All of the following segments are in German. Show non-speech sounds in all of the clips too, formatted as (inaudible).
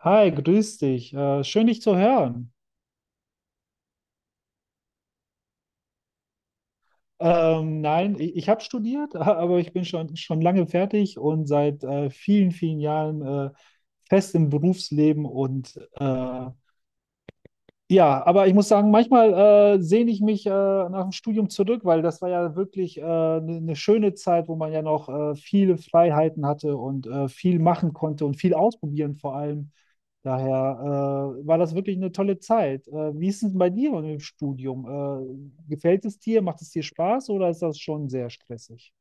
Hi, grüß dich. Schön, dich zu hören. Nein, ich habe studiert, (laughs) aber ich bin schon lange fertig und seit vielen Jahren fest im Berufsleben. Und ja, aber ich muss sagen, manchmal sehne ich mich nach dem Studium zurück, weil das war ja wirklich eine schöne Zeit, wo man ja noch viele Freiheiten hatte und viel machen konnte und viel ausprobieren vor allem. Daher war das wirklich eine tolle Zeit. Wie ist es denn bei dir im Studium? Gefällt es dir? Macht es dir Spaß oder ist das schon sehr stressig?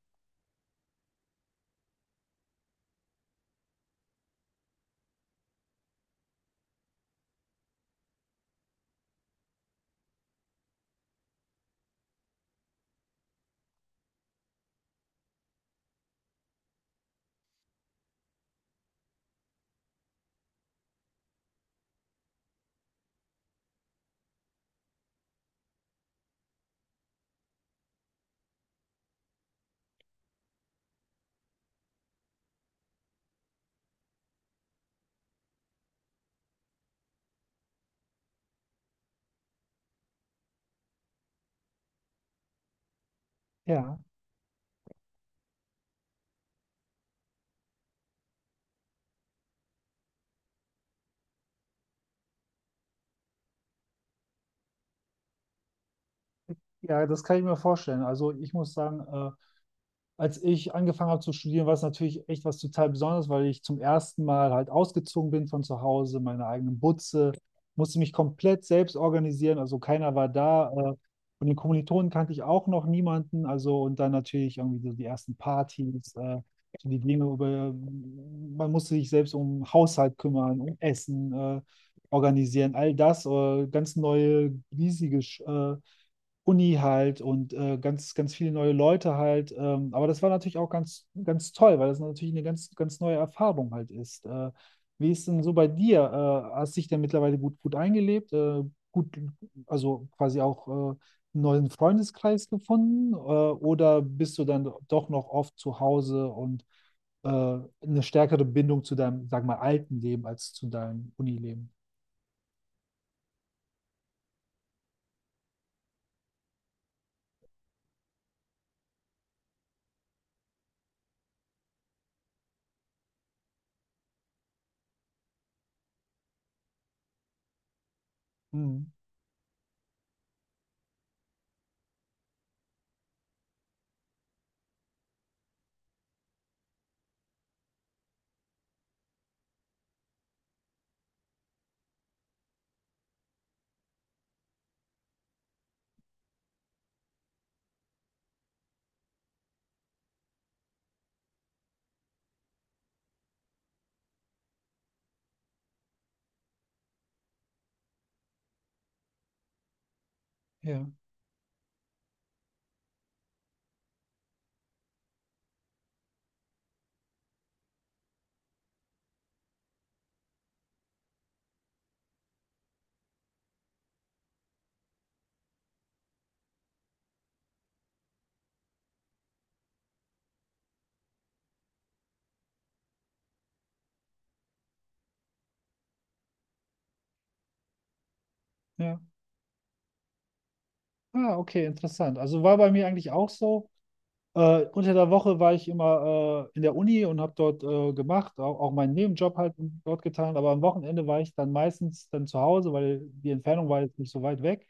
Ja, ja, das kann ich mir vorstellen. Also ich muss sagen, als ich angefangen habe zu studieren, war es natürlich echt was total Besonderes, weil ich zum ersten Mal halt ausgezogen bin von zu Hause, meine eigenen Butze, musste mich komplett selbst organisieren, also keiner war da. Von den Kommilitonen kannte ich auch noch niemanden, also und dann natürlich irgendwie so die ersten Partys, so die Dinge über, man musste sich selbst um Haushalt kümmern, um Essen organisieren, all das, ganz neue, riesige äh, Uni halt und ganz, ganz viele neue Leute halt. Aber das war natürlich auch ganz, ganz toll, weil das natürlich eine ganz, ganz neue Erfahrung halt ist. Wie ist denn so bei dir? Hast dich denn mittlerweile gut eingelebt? Gut, also quasi auch einen neuen Freundeskreis gefunden? Oder bist du dann doch noch oft zu Hause und eine stärkere Bindung zu deinem, sag mal, alten Leben als zu deinem Unileben? Mhm. Ja, ja. Ah, okay, interessant. Also war bei mir eigentlich auch so. Unter der Woche war ich immer in der Uni und habe dort gemacht, auch meinen Nebenjob halt dort getan. Aber am Wochenende war ich dann meistens dann zu Hause, weil die Entfernung war jetzt nicht so weit weg,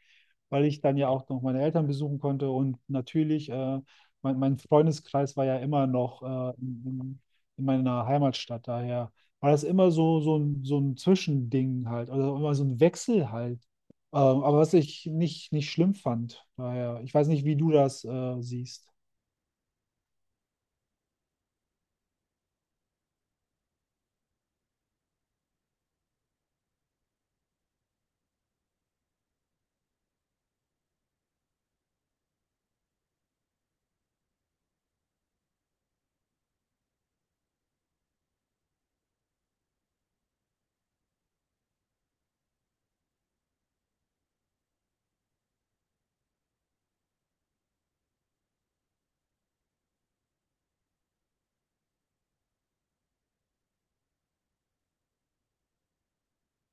weil ich dann ja auch noch meine Eltern besuchen konnte. Und natürlich, mein Freundeskreis war ja immer noch in in meiner Heimatstadt. Daher war das immer so, so ein Zwischending halt, also immer so ein Wechsel halt. Aber was ich nicht schlimm fand. Daher, ich weiß nicht, wie du das siehst.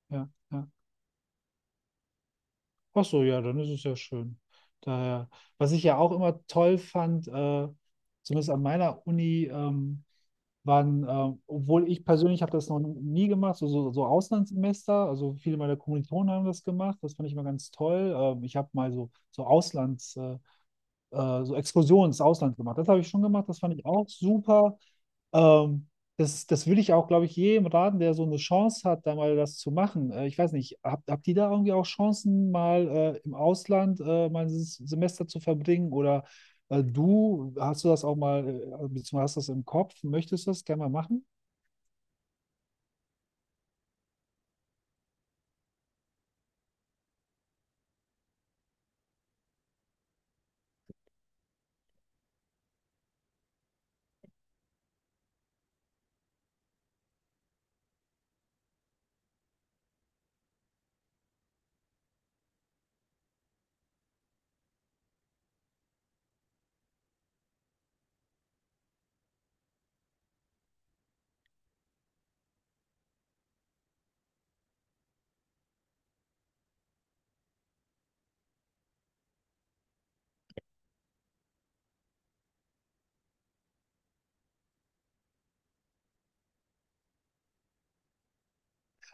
Ja, ja. Ach so, ja, dann ist es ja schön. Daher, was ich ja auch immer toll fand, zumindest an meiner Uni, waren, obwohl ich persönlich habe das noch nie gemacht, so Auslandssemester, also viele meiner Kommilitonen haben das gemacht, das fand ich immer ganz toll. Ich habe mal so Auslands, so Exkursionen ins Ausland gemacht, das habe ich schon gemacht, das fand ich auch super. Ähm, das würde ich auch, glaube ich, jedem raten, der so eine Chance hat, da mal das zu machen. Ich weiß nicht, habt ihr da irgendwie auch Chancen, mal im Ausland mal ein Semester zu verbringen? Oder du, hast du das auch mal, beziehungsweise hast du das im Kopf, möchtest du das gerne mal machen?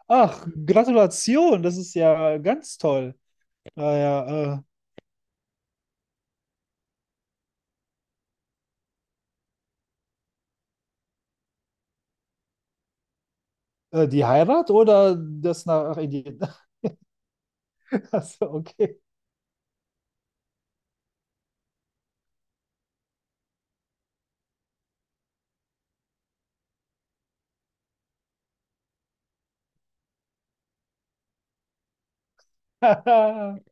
Ach, Gratulation, das ist ja ganz toll. Naja, die Heirat oder das nach Indien? (laughs) Achso, okay. (laughs)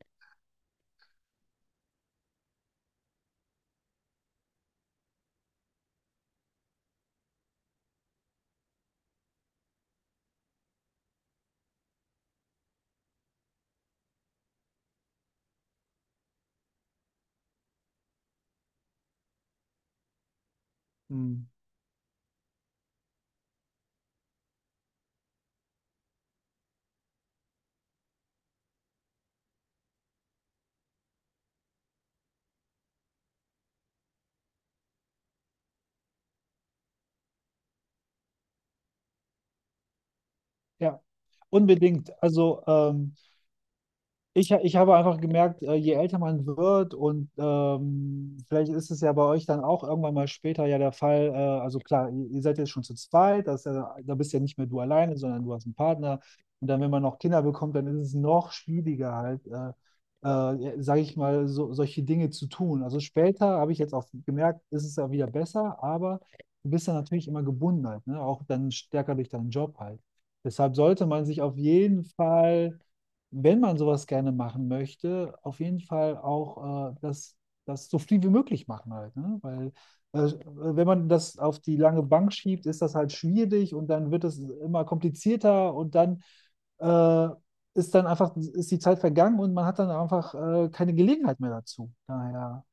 Hm, ja, unbedingt. Also, ich habe einfach gemerkt, je älter man wird und vielleicht ist es ja bei euch dann auch irgendwann mal später ja der Fall, also klar, ihr seid jetzt schon zu zweit, das ist ja, da bist ja nicht mehr du alleine, sondern du hast einen Partner. Und dann, wenn man noch Kinder bekommt, dann ist es noch schwieriger halt, sage ich mal, so, solche Dinge zu tun. Also später habe ich jetzt auch gemerkt, ist es ja wieder besser, aber du bist dann natürlich immer gebunden halt, ne? Auch dann stärker durch deinen Job halt. Deshalb sollte man sich auf jeden Fall wenn man sowas gerne machen möchte, auf jeden Fall auch das so viel wie möglich machen halt, ne? Weil äh, wenn man das auf die lange Bank schiebt, ist das halt schwierig und dann wird es immer komplizierter und dann äh, ist dann einfach, ist die Zeit vergangen und man hat dann einfach keine Gelegenheit mehr dazu. Daher,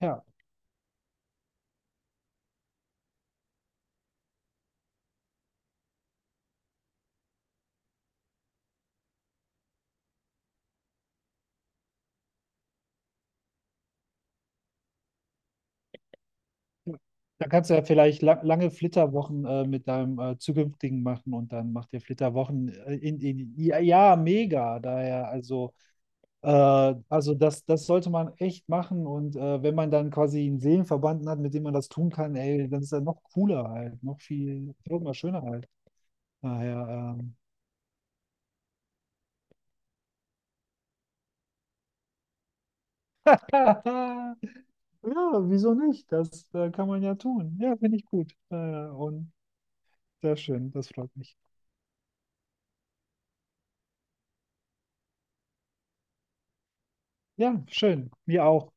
ja, dann kannst du ja vielleicht la lange Flitterwochen mit deinem zukünftigen machen und dann macht ihr Flitterwochen ja, ja, mega. Daher, also das sollte man echt machen und wenn man dann quasi einen Seelenverwandten hat, mit dem man das tun kann, ey, dann ist das noch cooler halt, noch mal schöner halt. Daher, (laughs) ja, wieso nicht? Das kann man ja tun. Ja, finde ich gut. Und sehr schön, das freut mich. Ja, schön. Mir auch.